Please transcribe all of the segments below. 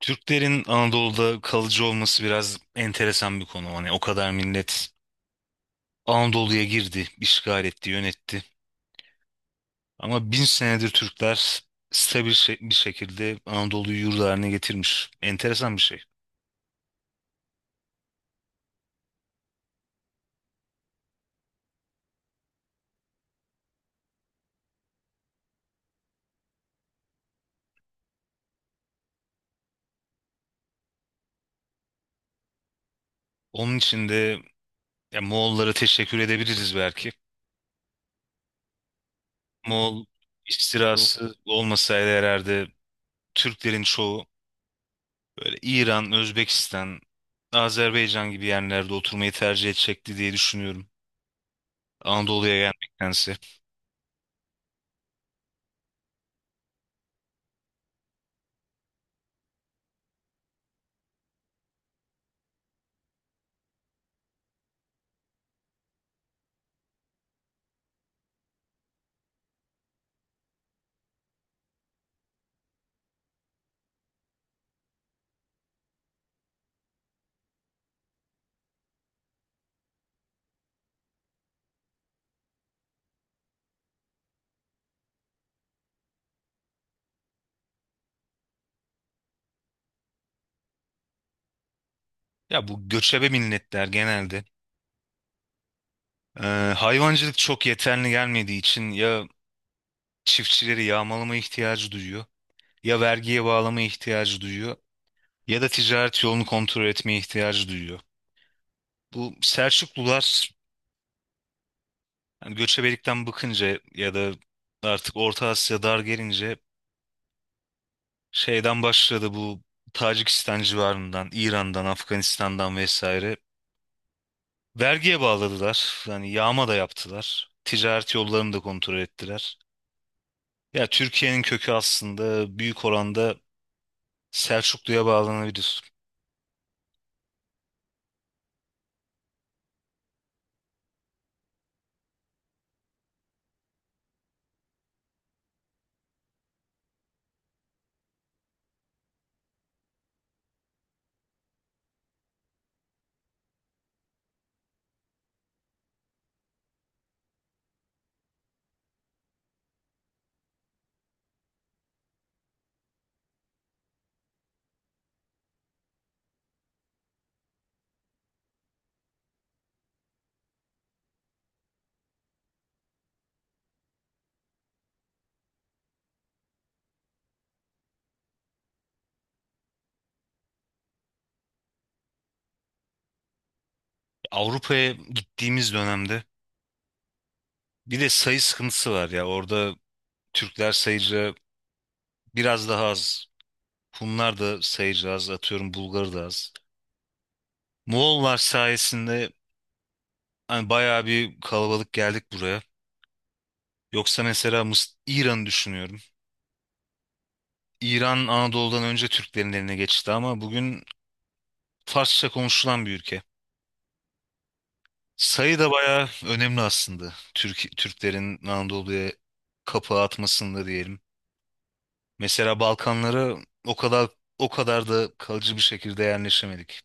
Türklerin Anadolu'da kalıcı olması biraz enteresan bir konu. Hani o kadar millet Anadolu'ya girdi, işgal etti, yönetti. Ama bin senedir Türkler stabil bir şekilde Anadolu'yu yurdu haline getirmiş. Enteresan bir şey. Onun için de ya, Moğollara teşekkür edebiliriz belki. Moğol istilası olmasaydı herhalde Türklerin çoğu böyle İran, Özbekistan, Azerbaycan gibi yerlerde oturmayı tercih edecekti diye düşünüyorum. Anadolu'ya gelmektense. Ya bu göçebe milletler genelde hayvancılık çok yeterli gelmediği için ya çiftçileri yağmalama ihtiyacı duyuyor, ya vergiye bağlama ihtiyacı duyuyor, ya da ticaret yolunu kontrol etmeye ihtiyacı duyuyor. Bu Selçuklular yani göçebelikten bıkınca ya da artık Orta Asya dar gelince şeyden başladı bu Tacikistan civarından, İran'dan, Afganistan'dan vesaire vergiye bağladılar. Yani yağma da yaptılar. Ticaret yollarını da kontrol ettiler. Ya Türkiye'nin kökü aslında büyük oranda Selçuklu'ya bağlanabilir. Avrupa'ya gittiğimiz dönemde bir de sayı sıkıntısı var ya orada Türkler sayıca biraz daha az. Hunlar da sayıca az atıyorum, Bulgar da az. Moğollar sayesinde hani bayağı bir kalabalık geldik buraya. Yoksa mesela İran'ı düşünüyorum. İran Anadolu'dan önce Türklerin eline geçti ama bugün Farsça konuşulan bir ülke. Sayı da bayağı önemli aslında. Türklerin Anadolu'ya kapağı atmasında diyelim. Mesela Balkanlara o kadar o kadar da kalıcı bir şekilde yerleşemedik.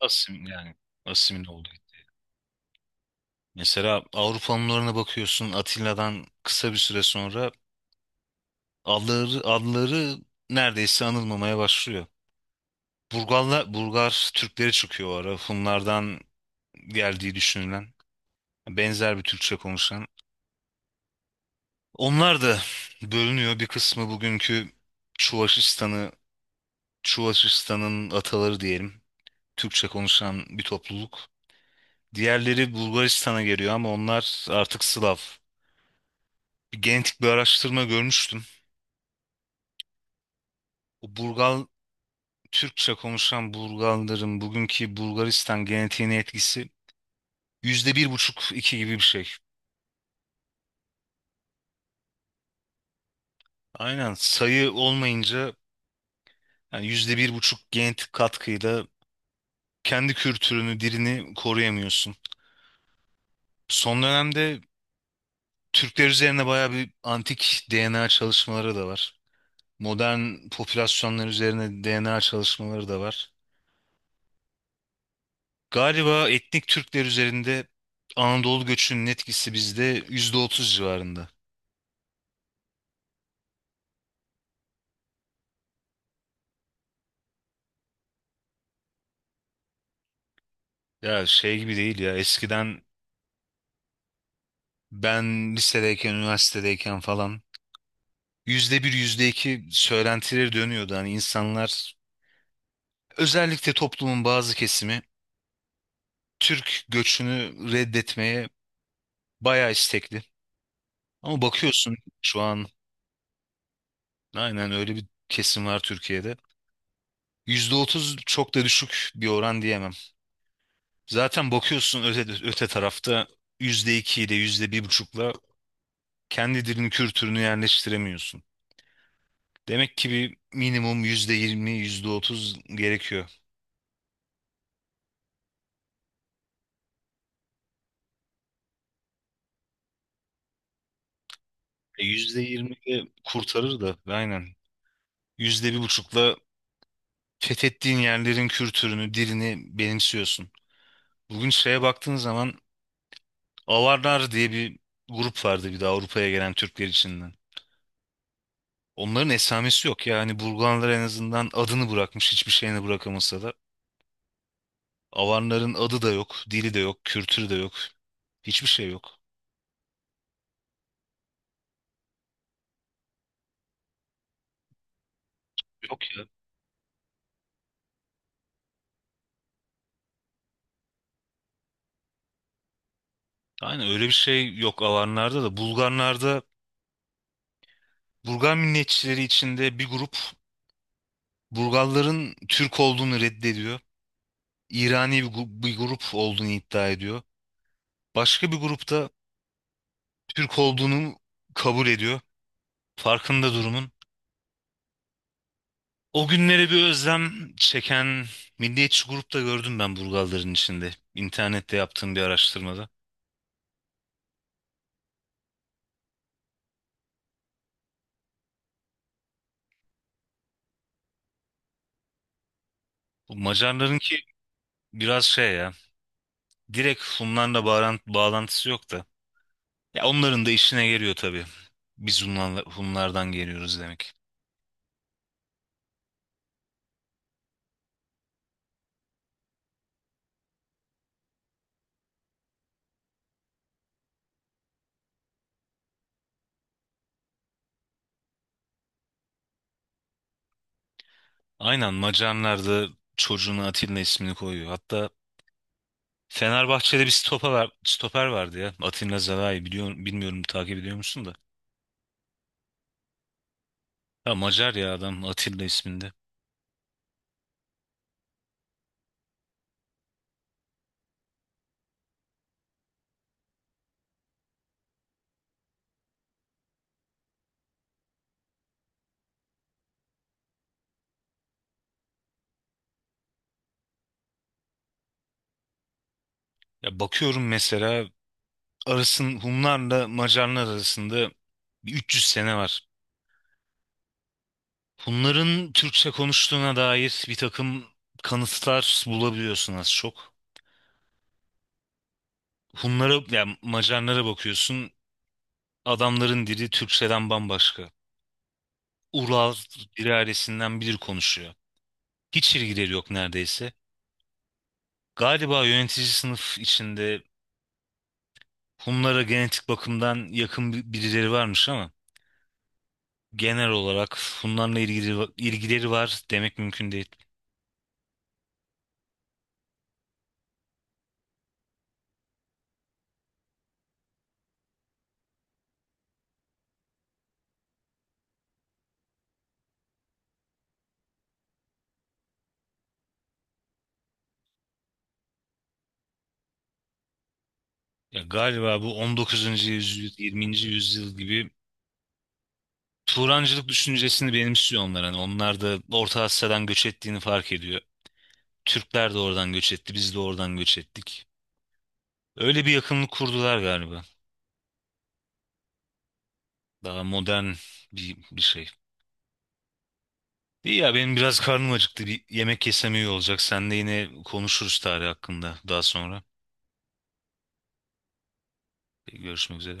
Yani asimile oldu. Mesela Avrupa Hunlarına bakıyorsun, Atilla'dan kısa bir süre sonra adları neredeyse anılmamaya başlıyor. Burgar Türkleri çıkıyor o ara. Hunlardan geldiği düşünülen, benzer bir Türkçe konuşan. Onlar da bölünüyor. Bir kısmı bugünkü Çuvaşistan'ı, Çuvaşistan'ın ataları diyelim. Türkçe konuşan bir topluluk. Diğerleri Bulgaristan'a geliyor ama onlar artık Slav. Bir genetik bir araştırma görmüştüm. O Burgal, Türkçe konuşan Burgalların bugünkü Bulgaristan genetiğine etkisi %1,5, iki gibi bir şey. Aynen, sayı olmayınca, yani %1,5 genetik katkıyla kendi kültürünü, dilini koruyamıyorsun. Son dönemde Türkler üzerine bayağı bir antik DNA çalışmaları da var. Modern popülasyonlar üzerine DNA çalışmaları da var. Galiba etnik Türkler üzerinde Anadolu göçünün etkisi bizde %30 civarında. Ya şey gibi değil ya, eskiden ben lisedeyken, üniversitedeyken falan %1, %2 söylentileri dönüyordu. Hani insanlar, özellikle toplumun bazı kesimi, Türk göçünü reddetmeye bayağı istekli. Ama bakıyorsun şu an. Aynen öyle bir kesim var Türkiye'de. %30 çok da düşük bir oran diyemem. Zaten bakıyorsun öte tarafta %2 ile yüzde bir buçukla kendi dilini, kültürünü yerleştiremiyorsun. Demek ki bir minimum %20, yüzde otuz gerekiyor. E %20 de kurtarır da aynen. %1,5'la fethettiğin yerlerin kültürünü, dilini benimsiyorsun. Bugün şeye baktığın zaman, Avarlar diye bir grup vardı bir de, Avrupa'ya gelen Türkler için. Onların esamesi yok yani. Burgulanlar en azından adını bırakmış, hiçbir şeyini bırakamasa da. Avarların adı da yok, dili de yok, kültürü de yok. Hiçbir şey yok. Yok ya. Aynen öyle bir şey yok Avarlarda da. Bulgarlarda, Bulgar milliyetçileri içinde bir grup Bulgarların Türk olduğunu reddediyor. İrani bir grup olduğunu iddia ediyor. Başka bir grupta Türk olduğunu kabul ediyor. Farkında durumun. O günlere bir özlem çeken milliyetçi grupta gördüm ben, Burgalların içinde. İnternette yaptığım bir araştırmada. Bu Macarların ki biraz şey ya. Direkt Hunlarla bağlantısı yok da. Ya onların da işine geliyor tabii. Biz Hunlardan geliyoruz demek. Aynen, Macarlar da çocuğuna Atilla ismini koyuyor. Hatta Fenerbahçe'de bir stoper vardı ya. Atilla Zalai, bilmiyorum takip ediyor musun da. Ya Macar ya adam, Atilla isminde. Ya bakıyorum mesela, arasın Hunlarla Macarlar arasında bir 300 sene var. Hunların Türkçe konuştuğuna dair bir takım kanıtlar bulabiliyorsun az çok. Hunlara, yani Macarlara bakıyorsun, adamların dili Türkçeden bambaşka. Ural bir ailesinden biri konuşuyor. Hiç ilgileri yok neredeyse. Galiba yönetici sınıf içinde Hunlara genetik bakımdan yakın birileri varmış ama genel olarak ilgileri var demek mümkün değil. Ya galiba bu 19. yüzyıl, 20. yüzyıl gibi Turancılık düşüncesini benimsiyor onlar. Hani onlar da Orta Asya'dan göç ettiğini fark ediyor. Türkler de oradan göç etti, biz de oradan göç ettik. Öyle bir yakınlık kurdular galiba. Daha modern bir şey. İyi ya, benim biraz karnım acıktı. Bir yemek yesem iyi olacak. Sen de, yine konuşuruz tarih hakkında daha sonra. Görüşmek üzere.